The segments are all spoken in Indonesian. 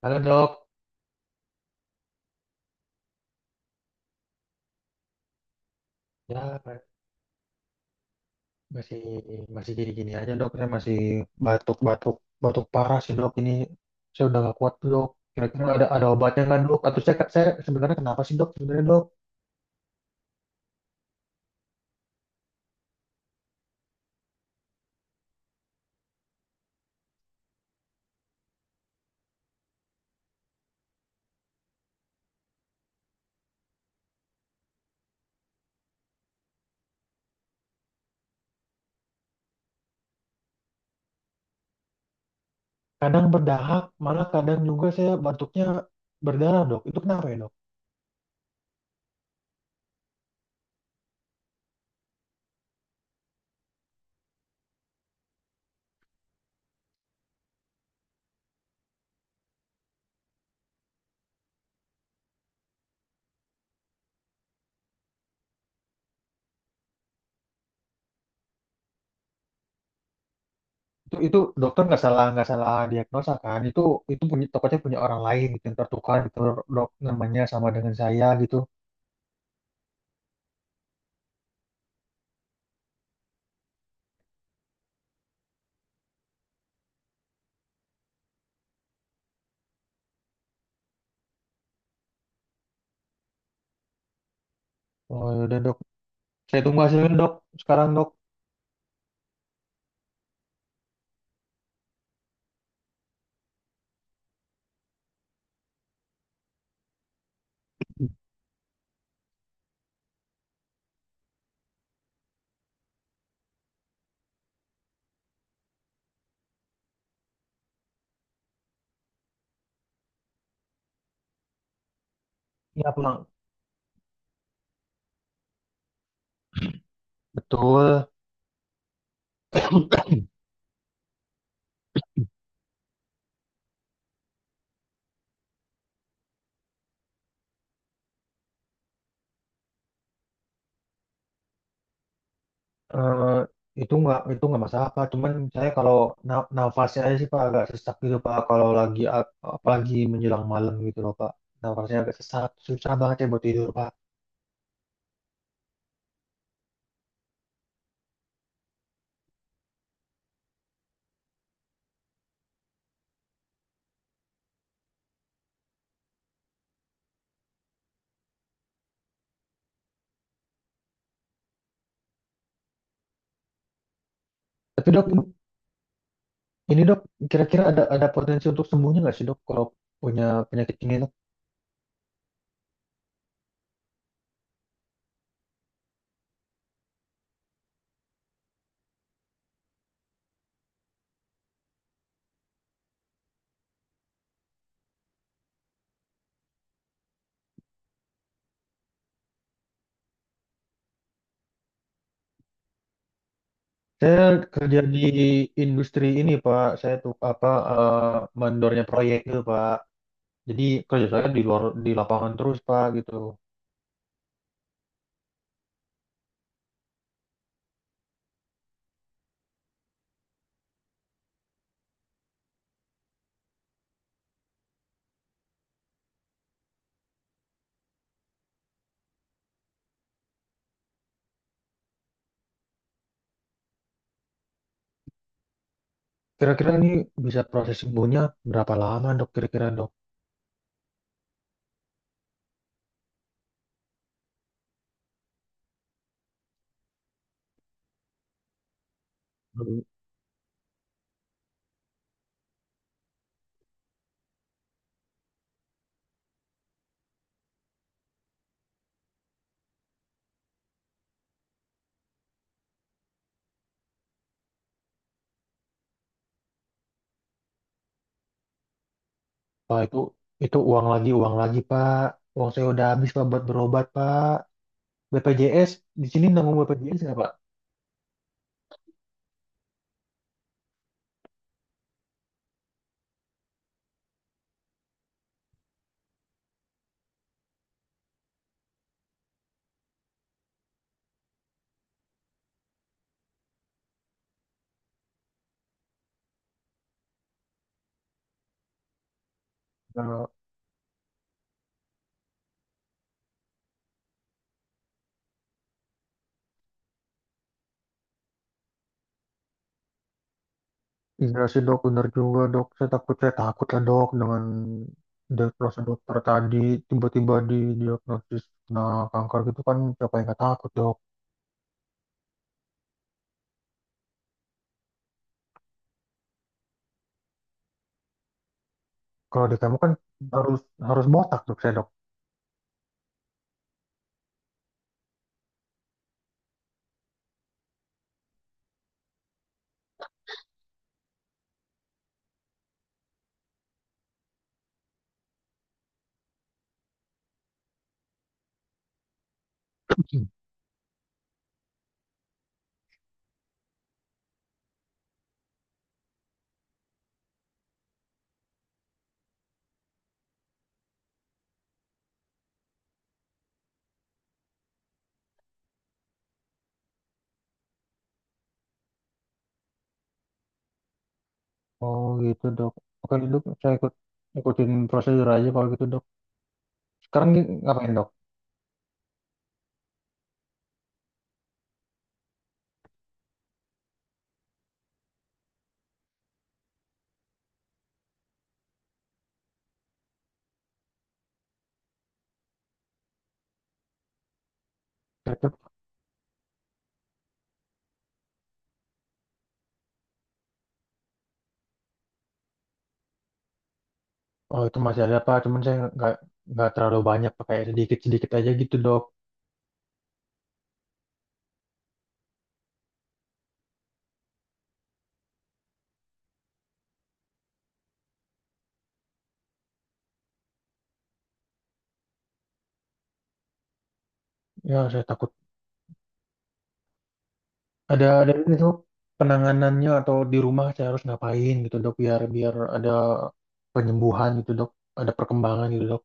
Halo dok, ya, masih masih gini-gini aja dok, saya masih batuk-batuk batuk parah sih dok ini. Saya udah gak kuat dok. Kira-kira ada obatnya nggak dok? Atau saya sebenarnya kenapa sih dok? Sebenarnya dok, kadang berdahak, malah kadang juga saya batuknya berdarah dok. Itu kenapa ya dok? Itu dokter nggak salah diagnosa kan? Itu punya tokonya punya orang lain gitu yang tertukar gitu dok, namanya sama dengan saya gitu. Oh yaudah dok, saya tunggu hasilnya dok. Sekarang dok, ya pulang. Betul. eh itu nggak masalah Pak. Cuman saya kalau nafasnya aja sih Pak agak sesak gitu Pak. Kalau lagi apalagi menjelang malam gitu loh Pak. Nafasnya agak sesak, susah banget ya buat tidur Pak. Tapi dok, ini dok, kira-kira ada potensi untuk sembuhnya nggak sih dok kalau punya penyakit ini dok? Saya kerja di industri ini Pak. Saya tuh apa mandornya proyek gitu Pak. Jadi kerja saya di luar di lapangan terus Pak gitu. Kira-kira ini bisa proses sembuhnya berapa lama dok? Kira-kira dok? Pak, itu uang lagi, Pak. Uang saya udah habis, Pak, buat berobat, Pak. BPJS, di sini nanggung BPJS nggak, Pak? Kalau iya sih dok, bener juga dok. Saya takut lah dok dengan diagnosa dokter tadi, tiba-tiba di diagnosis nah kanker gitu kan, siapa yang nggak takut dok. Kalau di kamu kan harus harus botak dok saya dok. Oh gitu dok. Oke dok, saya ikutin prosedur aja kalau gitu dok. Sekarang ngapain dok? Oh itu masih ada Pak, cuman saya nggak terlalu banyak pakai sedikit sedikit aja gitu dok. Ya saya takut ada ini dok, penanganannya atau di rumah saya harus ngapain gitu dok, biar biar ada penyembuhan gitu dok, ada perkembangan gitu dok.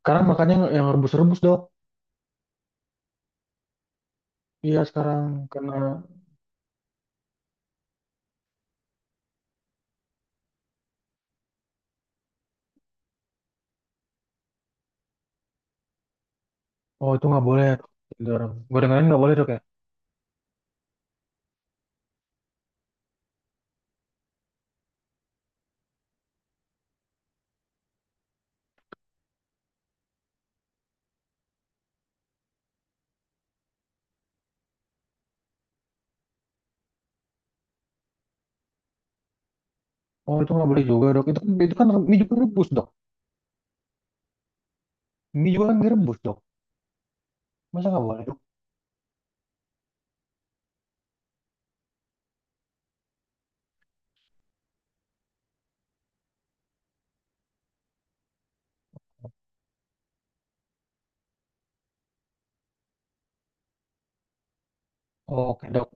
Sekarang makanya yang rebus-rebus dok. Iya sekarang karena oh itu nggak boleh. Gitu, orang. Gorengan nggak boleh dok ya? Oh itu nggak boleh juga dok. Itu kan mie juga rebus dok. Mie juga kan direbus dok. Masa nggak boleh dok? Oh, oke dok.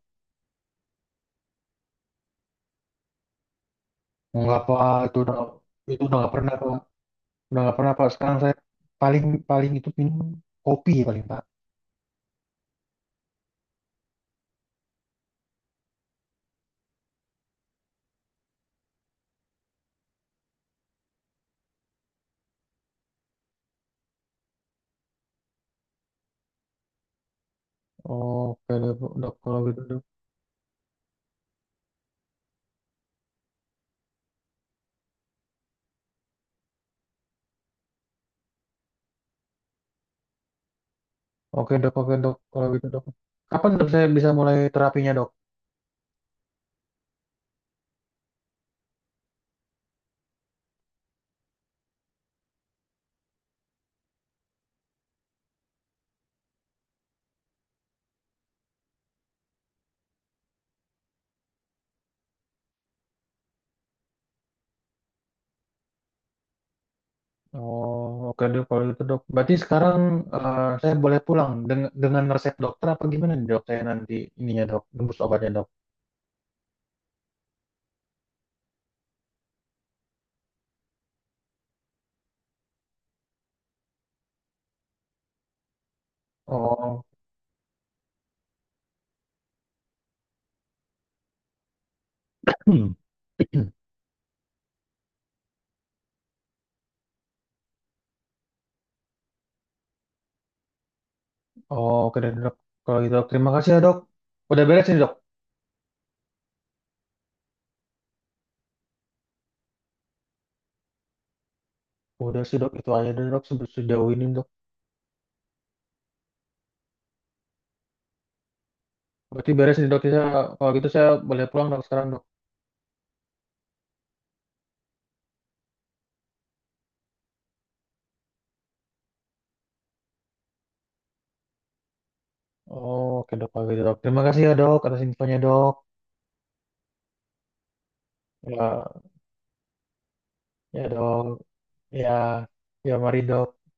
Nggak apa, itu udah itu udah nggak pernah tuh. Udah nggak pernah Pak. Sekarang saya paling paling itu minum kopi ya paling Pak. Oke deh dok kalau gitu dok. Oke dok kalau gitu dok. Kapan dok saya bisa mulai terapinya dok? Oh oke dok kalau gitu dok. Berarti sekarang saya boleh pulang dengan resep dokter apa gimana nih dok? Saya nanti ininya dok, nembus obatnya dok. Oh, hmm. Oh oke deh dok kalau gitu dok. Terima kasih ya dok. Udah beres nih dok. Udah sih dok itu aja deh, dok sejauh ini dok. Berarti beres nih dok. Saya, kalau gitu saya boleh pulang dok sekarang dok. Oh, oke dok, oke dok. Terima kasih ya dok atas infonya dok. Ya, ya dok. Ya, ya mari dok.